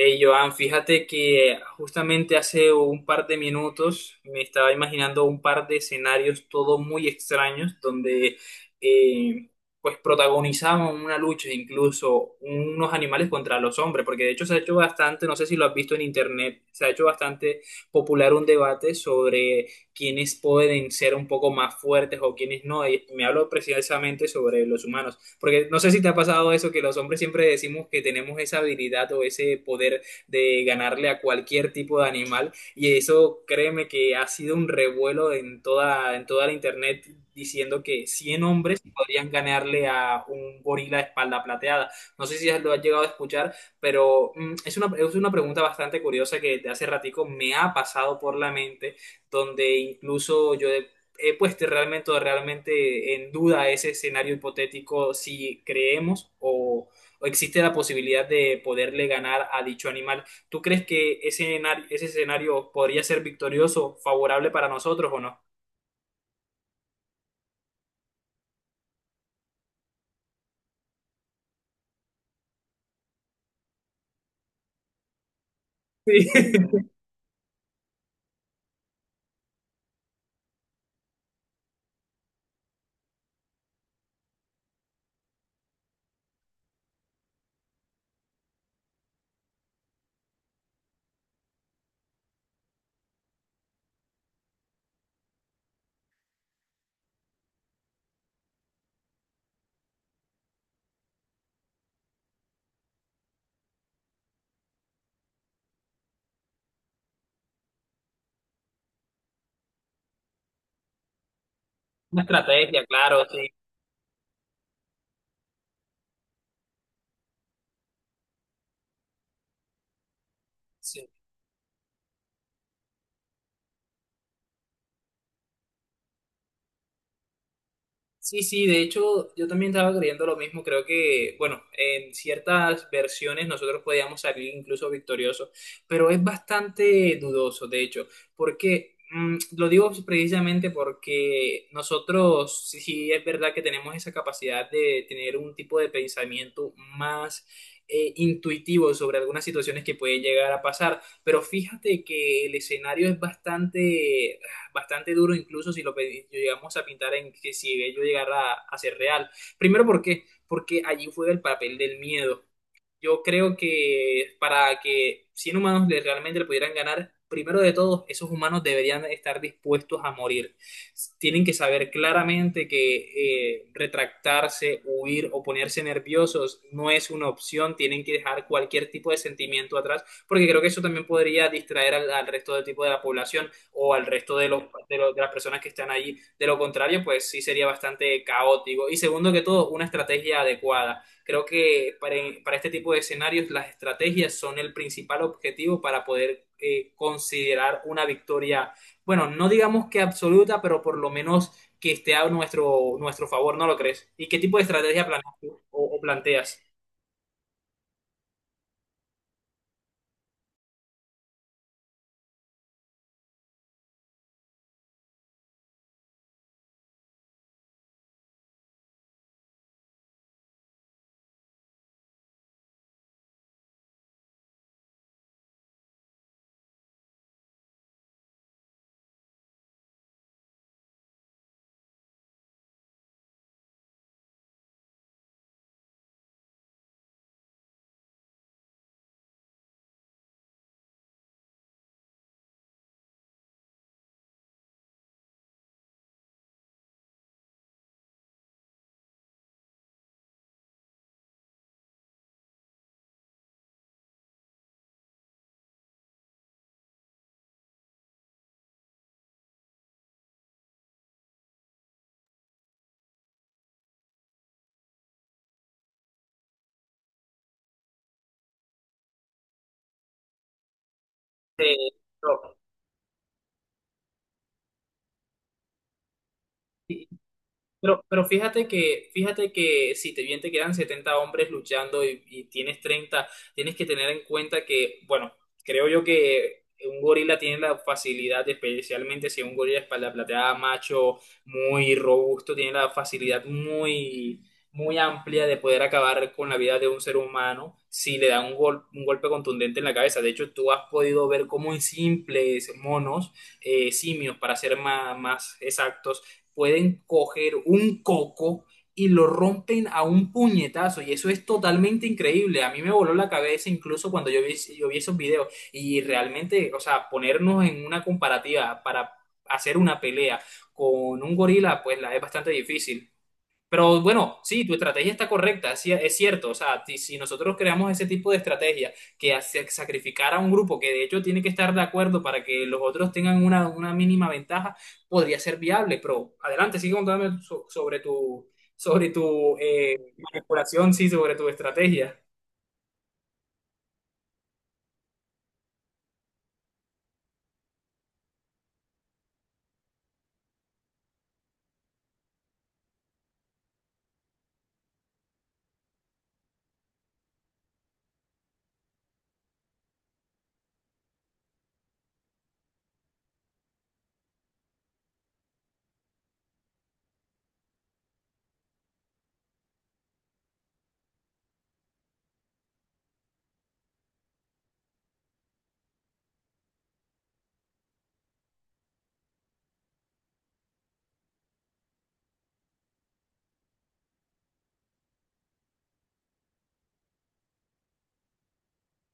Hey, Joan, fíjate que justamente hace un par de minutos me estaba imaginando un par de escenarios todos muy extraños donde eh, pues protagonizaban una lucha incluso unos animales contra los hombres, porque de hecho se ha hecho bastante, no sé si lo has visto en internet, se ha hecho bastante popular un debate sobre quiénes pueden ser un poco más fuertes o quiénes no, y me hablo precisamente sobre los humanos. Porque no sé si te ha pasado eso, que los hombres siempre decimos que tenemos esa habilidad o ese poder de ganarle a cualquier tipo de animal. Y eso, créeme que ha sido un revuelo en toda la internet diciendo que 100 hombres podrían ganarle a un gorila de espalda plateada. No sé si lo has llegado a escuchar, pero es una pregunta bastante curiosa que de hace ratico me ha pasado por la mente, donde incluso yo he puesto realmente, realmente en duda ese escenario hipotético si creemos o existe la posibilidad de poderle ganar a dicho animal. ¿Tú crees que ese, ese escenario podría ser victorioso, favorable para nosotros o no? Sí. Una estrategia, claro, sí. Sí, sí, de hecho yo también estaba creyendo lo mismo, creo que, bueno, en ciertas versiones nosotros podíamos salir incluso victoriosos, pero es bastante dudoso, de hecho, porque lo digo precisamente porque nosotros, sí, sí, es verdad que tenemos esa capacidad de tener un tipo de pensamiento más intuitivo sobre algunas situaciones que pueden llegar a pasar, pero fíjate que el escenario es bastante duro, incluso si lo llegamos a pintar en que si ello llegara a ser real. Primero, ¿por qué? Porque allí juega el papel del miedo. Yo creo que para que 100 humanos realmente le pudieran ganar, primero de todo, esos humanos deberían estar dispuestos a morir. Tienen que saber claramente que retractarse, huir o ponerse nerviosos no es una opción. Tienen que dejar cualquier tipo de sentimiento atrás, porque creo que eso también podría distraer al, al resto del tipo de la población o al resto de las personas que están allí. De lo contrario, pues sí sería bastante caótico. Y segundo que todo, una estrategia adecuada. Creo que para este tipo de escenarios las estrategias son el principal objetivo para poder considerar una victoria, bueno, no digamos que absoluta, pero por lo menos que esté a nuestro, nuestro favor, ¿no lo crees? ¿Y qué tipo de estrategia planeas tú o planteas? Eh, pero fíjate que si te bien te quedan 70 hombres luchando y tienes treinta, tienes que tener en cuenta que, bueno, creo yo que un gorila tiene la facilidad, especialmente si es un gorila espalda plateada, macho, muy robusto, tiene la facilidad muy, muy amplia de poder acabar con la vida de un ser humano si le da un, un golpe contundente en la cabeza. De hecho, tú has podido ver cómo en simples monos, simios, para ser más, más exactos, pueden coger un coco y lo rompen a un puñetazo. Y eso es totalmente increíble. A mí me voló la cabeza incluso cuando yo vi esos videos. Y realmente, o sea, ponernos en una comparativa para hacer una pelea con un gorila, pues la es bastante difícil. Pero bueno, sí, tu estrategia está correcta, sí, es cierto. O sea, si nosotros creamos ese tipo de estrategia que hace sacrificar a un grupo que de hecho tiene que estar de acuerdo para que los otros tengan una mínima ventaja, podría ser viable. Pero adelante, sigue contándome sobre tu manipulación, sí, sobre tu estrategia.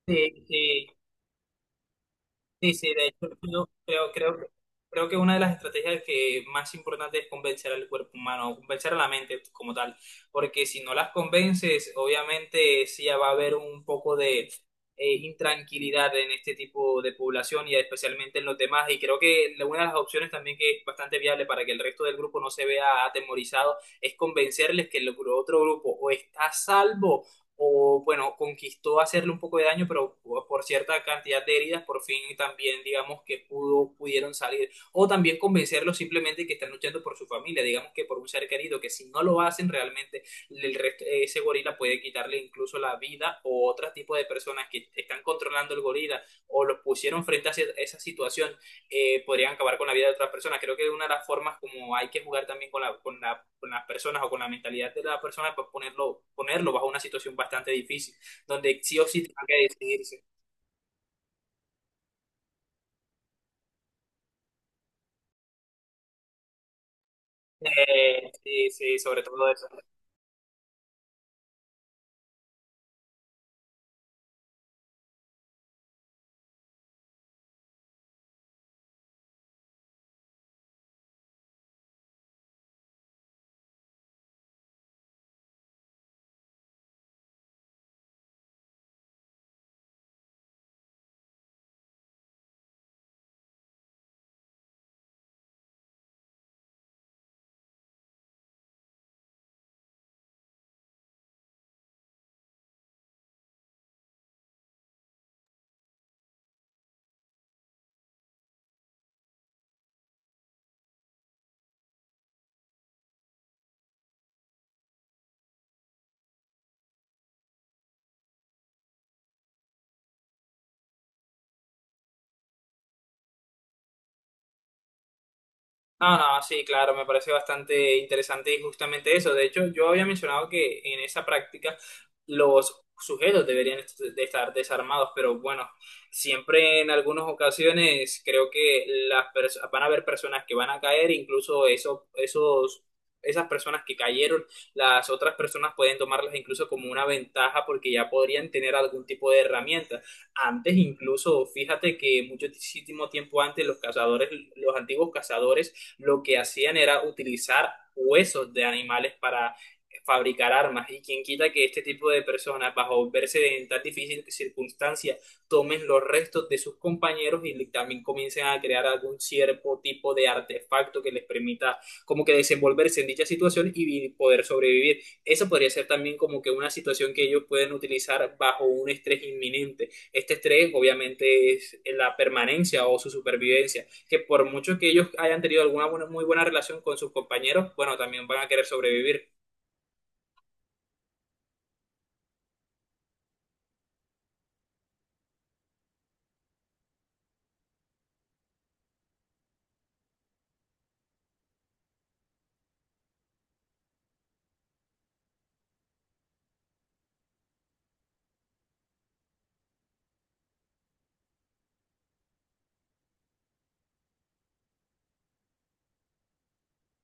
Sí, sí. Sí, sí, de hecho, yo creo que una de las estrategias que más importante es convencer al cuerpo humano, o convencer a la mente como tal, porque si no las convences, obviamente sí ya va a haber un poco de intranquilidad en este tipo de población y especialmente en los demás, y creo que una de las opciones también que es bastante viable para que el resto del grupo no se vea atemorizado es convencerles que el otro grupo o está a salvo o bueno, conquistó hacerle un poco de daño, pero por cierta cantidad de heridas, por fin también digamos que pudo, pudieron salir, o también convencerlos simplemente que están luchando por su familia, digamos que por un ser querido, que si no lo hacen realmente, el ese gorila puede quitarle incluso la vida o otro tipo de personas que están controlando el gorila o los pusieron frente a esa situación. Podrían acabar con la vida de otras personas. Creo que una de las formas como hay que jugar también con, la, con, la, con las personas o con la mentalidad de la persona es pues, ponerlo, ponerlo bajo una situación bastante difícil, donde sí o sí tenga que decidirse. Sí, sí, sobre todo eso. No, no, sí, claro, me parece bastante interesante y justamente eso. De hecho, yo había mencionado que en esa práctica los sujetos deberían de estar desarmados, pero bueno, siempre en algunas ocasiones creo que las van a haber personas que van a caer, incluso eso, esos, esas personas que cayeron, las otras personas pueden tomarlas incluso como una ventaja porque ya podrían tener algún tipo de herramienta. Antes incluso, fíjate que muchísimo tiempo antes los cazadores, los antiguos cazadores lo que hacían era utilizar huesos de animales para fabricar armas y quien quita que este tipo de personas, bajo verse en tan difícil circunstancia, tomen los restos de sus compañeros y también comiencen a crear algún cierto tipo de artefacto que les permita como que desenvolverse en dicha situación y poder sobrevivir. Eso podría ser también como que una situación que ellos pueden utilizar bajo un estrés inminente. Este estrés obviamente es la permanencia o su supervivencia, que por mucho que ellos hayan tenido alguna muy buena relación con sus compañeros, bueno, también van a querer sobrevivir.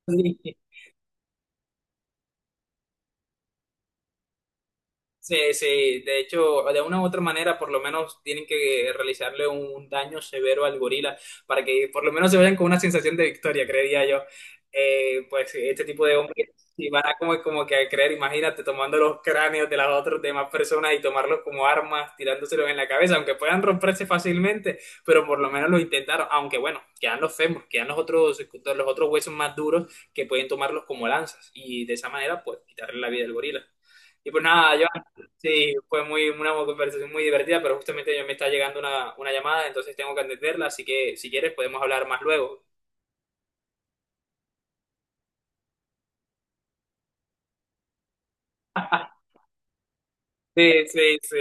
Sí. Sí, sí, de hecho, de una u otra manera, por lo menos tienen que realizarle un daño severo al gorila para que por lo menos se vayan con una sensación de victoria, creería yo. Pues este tipo de hombres, y van a como, como que a creer, imagínate, tomando los cráneos de las otras demás personas y tomarlos como armas, tirándoselos en la cabeza, aunque puedan romperse fácilmente, pero por lo menos lo intentaron, aunque bueno, quedan los fémures, quedan los otros huesos más duros que pueden tomarlos como lanzas y de esa manera, pues quitarle la vida al gorila. Y pues nada, yo. Sí, fue muy, una conversación muy divertida, pero justamente yo me está llegando una llamada, entonces tengo que atenderla, así que si quieres podemos hablar más luego. Sí, sí, sí.